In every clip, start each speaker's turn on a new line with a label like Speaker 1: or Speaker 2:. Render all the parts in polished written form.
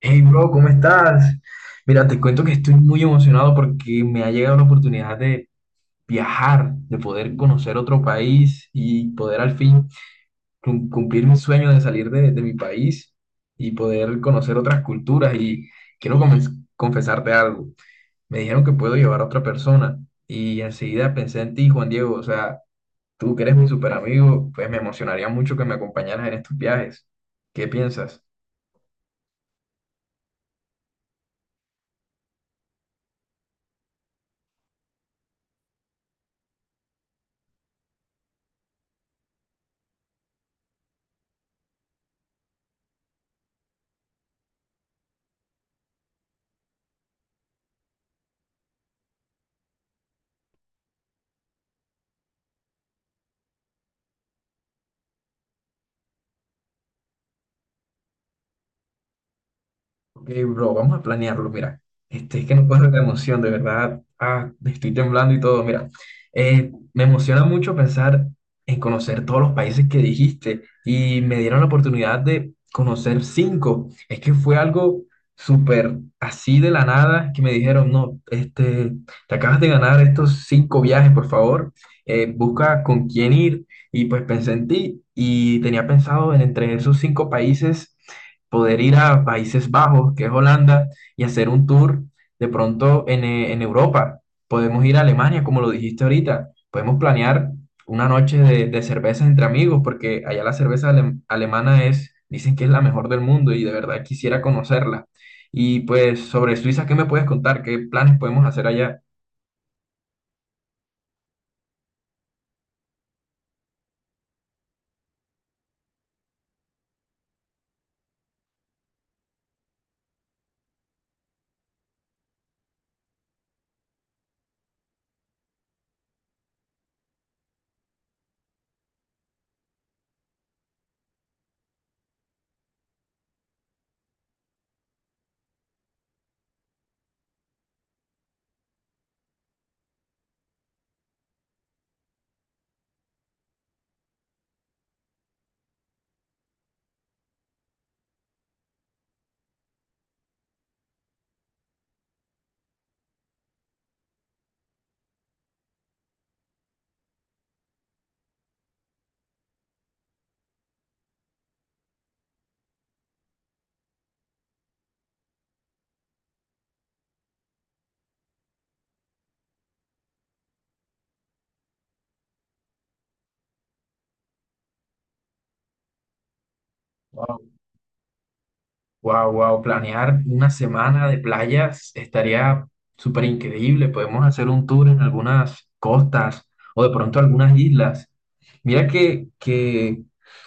Speaker 1: Hey, bro, ¿cómo estás? Mira, te cuento que estoy muy emocionado porque me ha llegado la oportunidad de viajar, de poder conocer otro país y poder al fin cumplir mi sueño de salir de mi país y poder conocer otras culturas. Y quiero confesarte algo. Me dijeron que puedo llevar a otra persona y enseguida pensé en ti, Juan Diego. O sea, tú que eres mi super amigo, pues me emocionaría mucho que me acompañaras en estos viajes. ¿Qué piensas? Ok, bro, vamos a planearlo, mira. Es que no puedo de la emoción, de verdad. Ah, estoy temblando y todo, mira. Me emociona mucho pensar en conocer todos los países que dijiste y me dieron la oportunidad de conocer cinco. Es que fue algo súper así de la nada que me dijeron, no, te acabas de ganar estos cinco viajes, por favor. Busca con quién ir. Y pues pensé en ti y tenía pensado en entre esos cinco países poder ir a Países Bajos, que es Holanda, y hacer un tour de pronto en Europa. Podemos ir a Alemania, como lo dijiste ahorita. Podemos planear una noche de cervezas entre amigos, porque allá la cerveza alemana es, dicen que es la mejor del mundo y de verdad quisiera conocerla. Y pues sobre Suiza, ¿qué me puedes contar? ¿Qué planes podemos hacer allá? Wow, wow, planear una semana de playas estaría súper increíble. Podemos hacer un tour en algunas costas o de pronto algunas islas. Mira que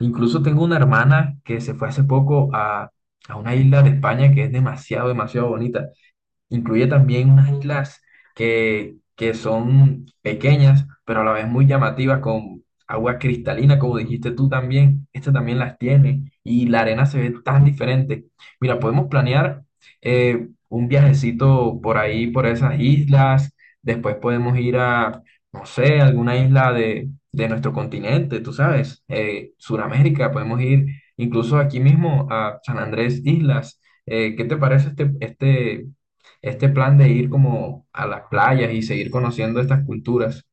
Speaker 1: incluso tengo una hermana que se fue hace poco a una isla de España que es demasiado, demasiado bonita. Incluye también unas islas que son pequeñas, pero a la vez muy llamativas, con agua cristalina, como dijiste tú también. Este también las tiene y la arena se ve tan diferente. Mira, podemos planear un viajecito por ahí, por esas islas. Después podemos ir a, no sé, alguna isla de nuestro continente, tú sabes, Sudamérica. Podemos ir incluso aquí mismo a San Andrés Islas. ¿Qué te parece este plan de ir como a las playas y seguir conociendo estas culturas?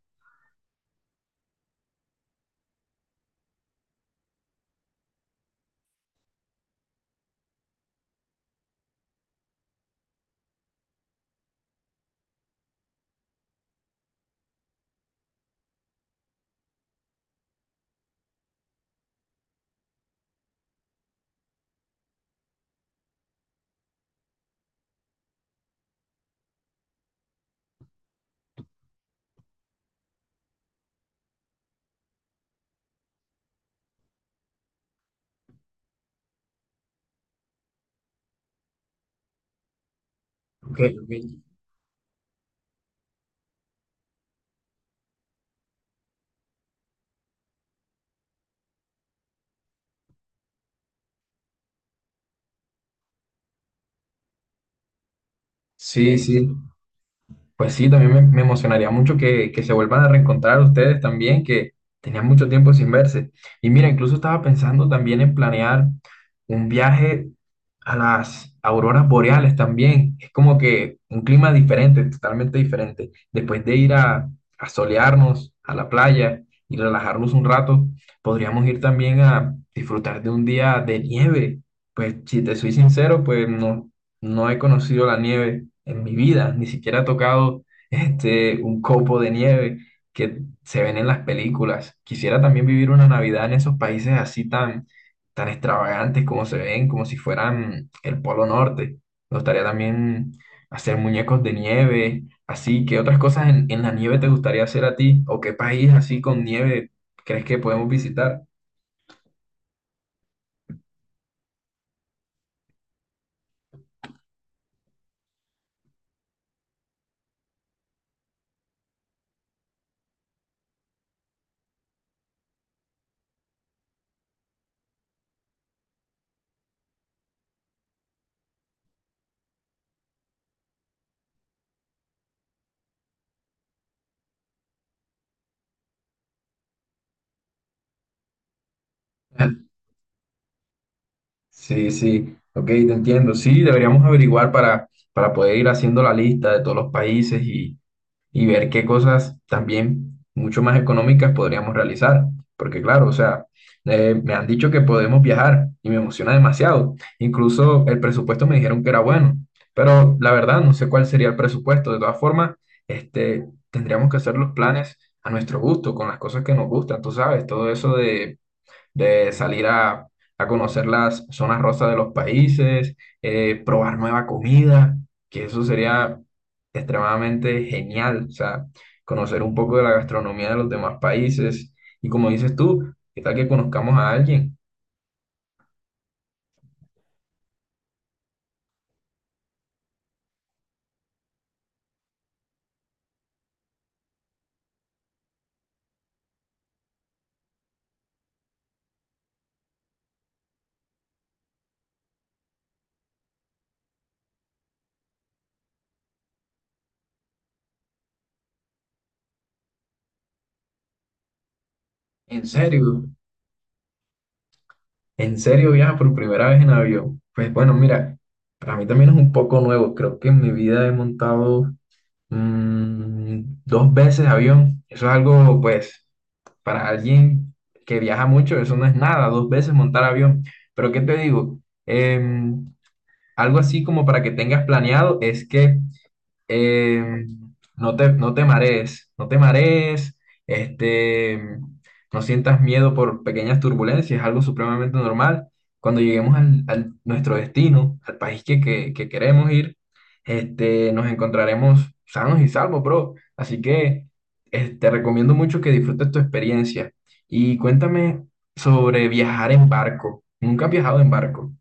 Speaker 1: Ok, ok. Sí, sí. Pues sí, también me emocionaría mucho que se vuelvan a reencontrar ustedes también, que tenían mucho tiempo sin verse. Y mira, incluso estaba pensando también en planear un viaje a las auroras boreales también. Es como que un clima diferente, totalmente diferente. Después de ir a, solearnos a la playa y relajarnos un rato, podríamos ir también a disfrutar de un día de nieve. Pues si te soy sincero, pues no, no he conocido la nieve en mi vida, ni siquiera he tocado un copo de nieve que se ven en las películas. Quisiera también vivir una Navidad en esos países así tan, tan extravagantes como se ven, como si fueran el Polo Norte. Me gustaría también hacer muñecos de nieve, así. ¿Qué otras cosas en la nieve te gustaría hacer a ti? ¿O qué país así con nieve crees que podemos visitar? Sí, sí, ok, te entiendo. Sí, deberíamos averiguar para poder ir haciendo la lista de todos los países y ver qué cosas también mucho más económicas podríamos realizar. Porque claro, o sea, me han dicho que podemos viajar y me emociona demasiado. Incluso el presupuesto me dijeron que era bueno, pero la verdad no sé cuál sería el presupuesto. De todas formas, este, tendríamos que hacer los planes a nuestro gusto, con las cosas que nos gustan, tú sabes, todo eso de salir a, conocer las zonas rosas de los países, probar nueva comida, que eso sería extremadamente genial, o sea, conocer un poco de la gastronomía de los demás países. Y como dices tú, ¿qué tal que conozcamos a alguien? En serio, en serio viaja por primera vez en avión. Pues bueno, mira, para mí también es un poco nuevo, creo que en mi vida he montado dos veces avión. Eso es algo, pues, para alguien que viaja mucho, eso no es nada, dos veces montar avión. Pero ¿qué te digo? Em, Algo así como para que tengas planeado es que eh, no te marees, no te marees, este, no sientas miedo por pequeñas turbulencias, es algo supremamente normal. Cuando lleguemos nuestro destino, al país que queremos ir, nos encontraremos sanos y salvos, bro. Así que te recomiendo mucho que disfrutes tu experiencia. Y cuéntame sobre viajar en barco. Nunca has viajado en barco.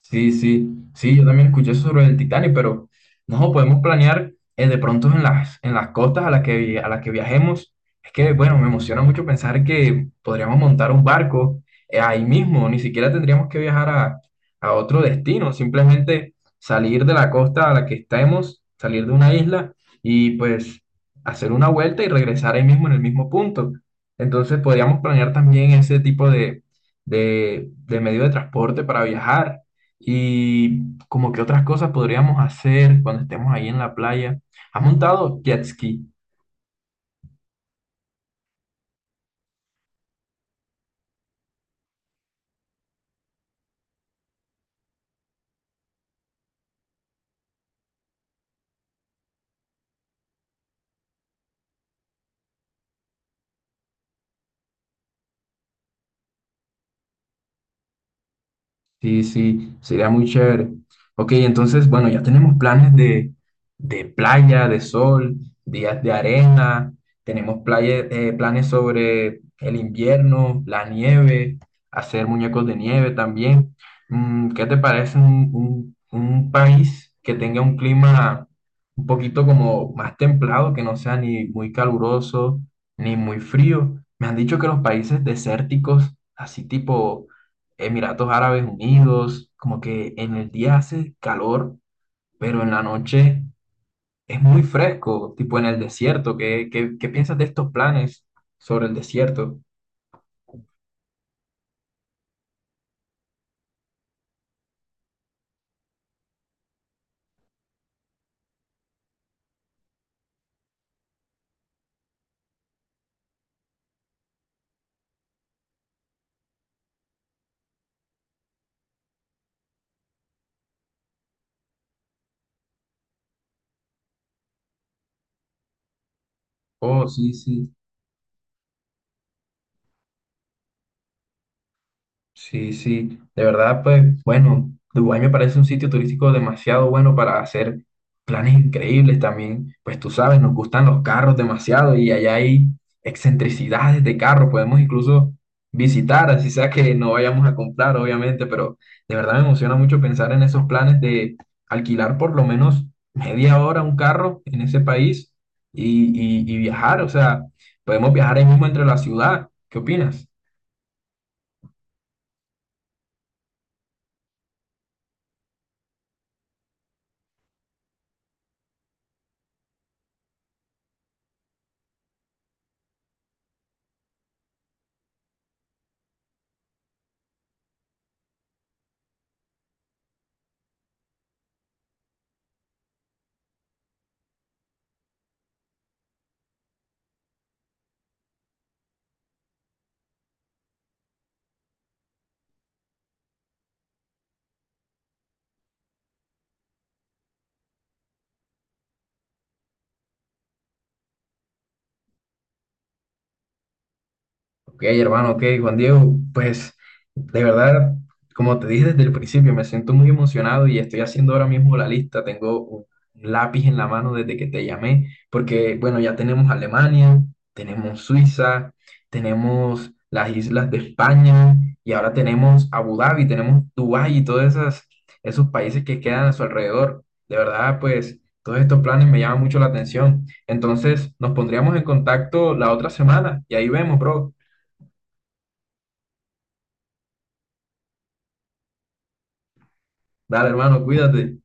Speaker 1: Sí, sí, sí, yo también escuché eso sobre el Titanic, pero no podemos planear de pronto en las, costas a las que viajemos. Es que, bueno, me emociona mucho pensar que podríamos montar un barco ahí mismo, ni siquiera tendríamos que viajar a otro destino, simplemente salir de la costa a la que estemos, salir de una isla y pues hacer una vuelta y regresar ahí mismo en el mismo punto. Entonces podríamos planear también ese tipo de medio de transporte para viajar y como que otras cosas podríamos hacer cuando estemos ahí en la playa. ¿Has montado jet ski? Sí, sí, sería muy chévere. Ok, entonces, bueno, ya tenemos planes de playa, de sol, días de arena, tenemos planes sobre el invierno, la nieve, hacer muñecos de nieve también. ¿Qué te parece un país que tenga un clima un poquito como más templado, que no sea ni muy caluroso ni muy frío? Me han dicho que los países desérticos, así tipo… Emiratos Árabes Unidos, como que en el día hace calor, pero en la noche es muy fresco, tipo en el desierto. ¿Qué, qué, qué piensas de estos planes sobre el desierto? Oh, sí, sí. Sí, sí, de verdad, pues bueno, Dubái me parece un sitio turístico demasiado bueno para hacer planes increíbles también. Pues tú sabes, nos gustan los carros demasiado y allá hay excentricidades de carros, podemos incluso visitar, así sea que no vayamos a comprar, obviamente, pero de verdad me emociona mucho pensar en esos planes de alquilar por lo menos media hora un carro en ese país y viajar, o sea, podemos viajar ahí mismo entre la ciudad. ¿Qué opinas? Ok, hermano, ok, Juan Diego, pues de verdad, como te dije desde el principio, me siento muy emocionado y estoy haciendo ahora mismo la lista. Tengo un lápiz en la mano desde que te llamé, porque bueno, ya tenemos Alemania, tenemos Suiza, tenemos las islas de España y ahora tenemos Abu Dhabi, tenemos Dubái y todos esos países que quedan a su alrededor. De verdad, pues todos estos planes me llaman mucho la atención. Entonces, nos pondríamos en contacto la otra semana y ahí vemos, bro. Dale, hermano, cuídate.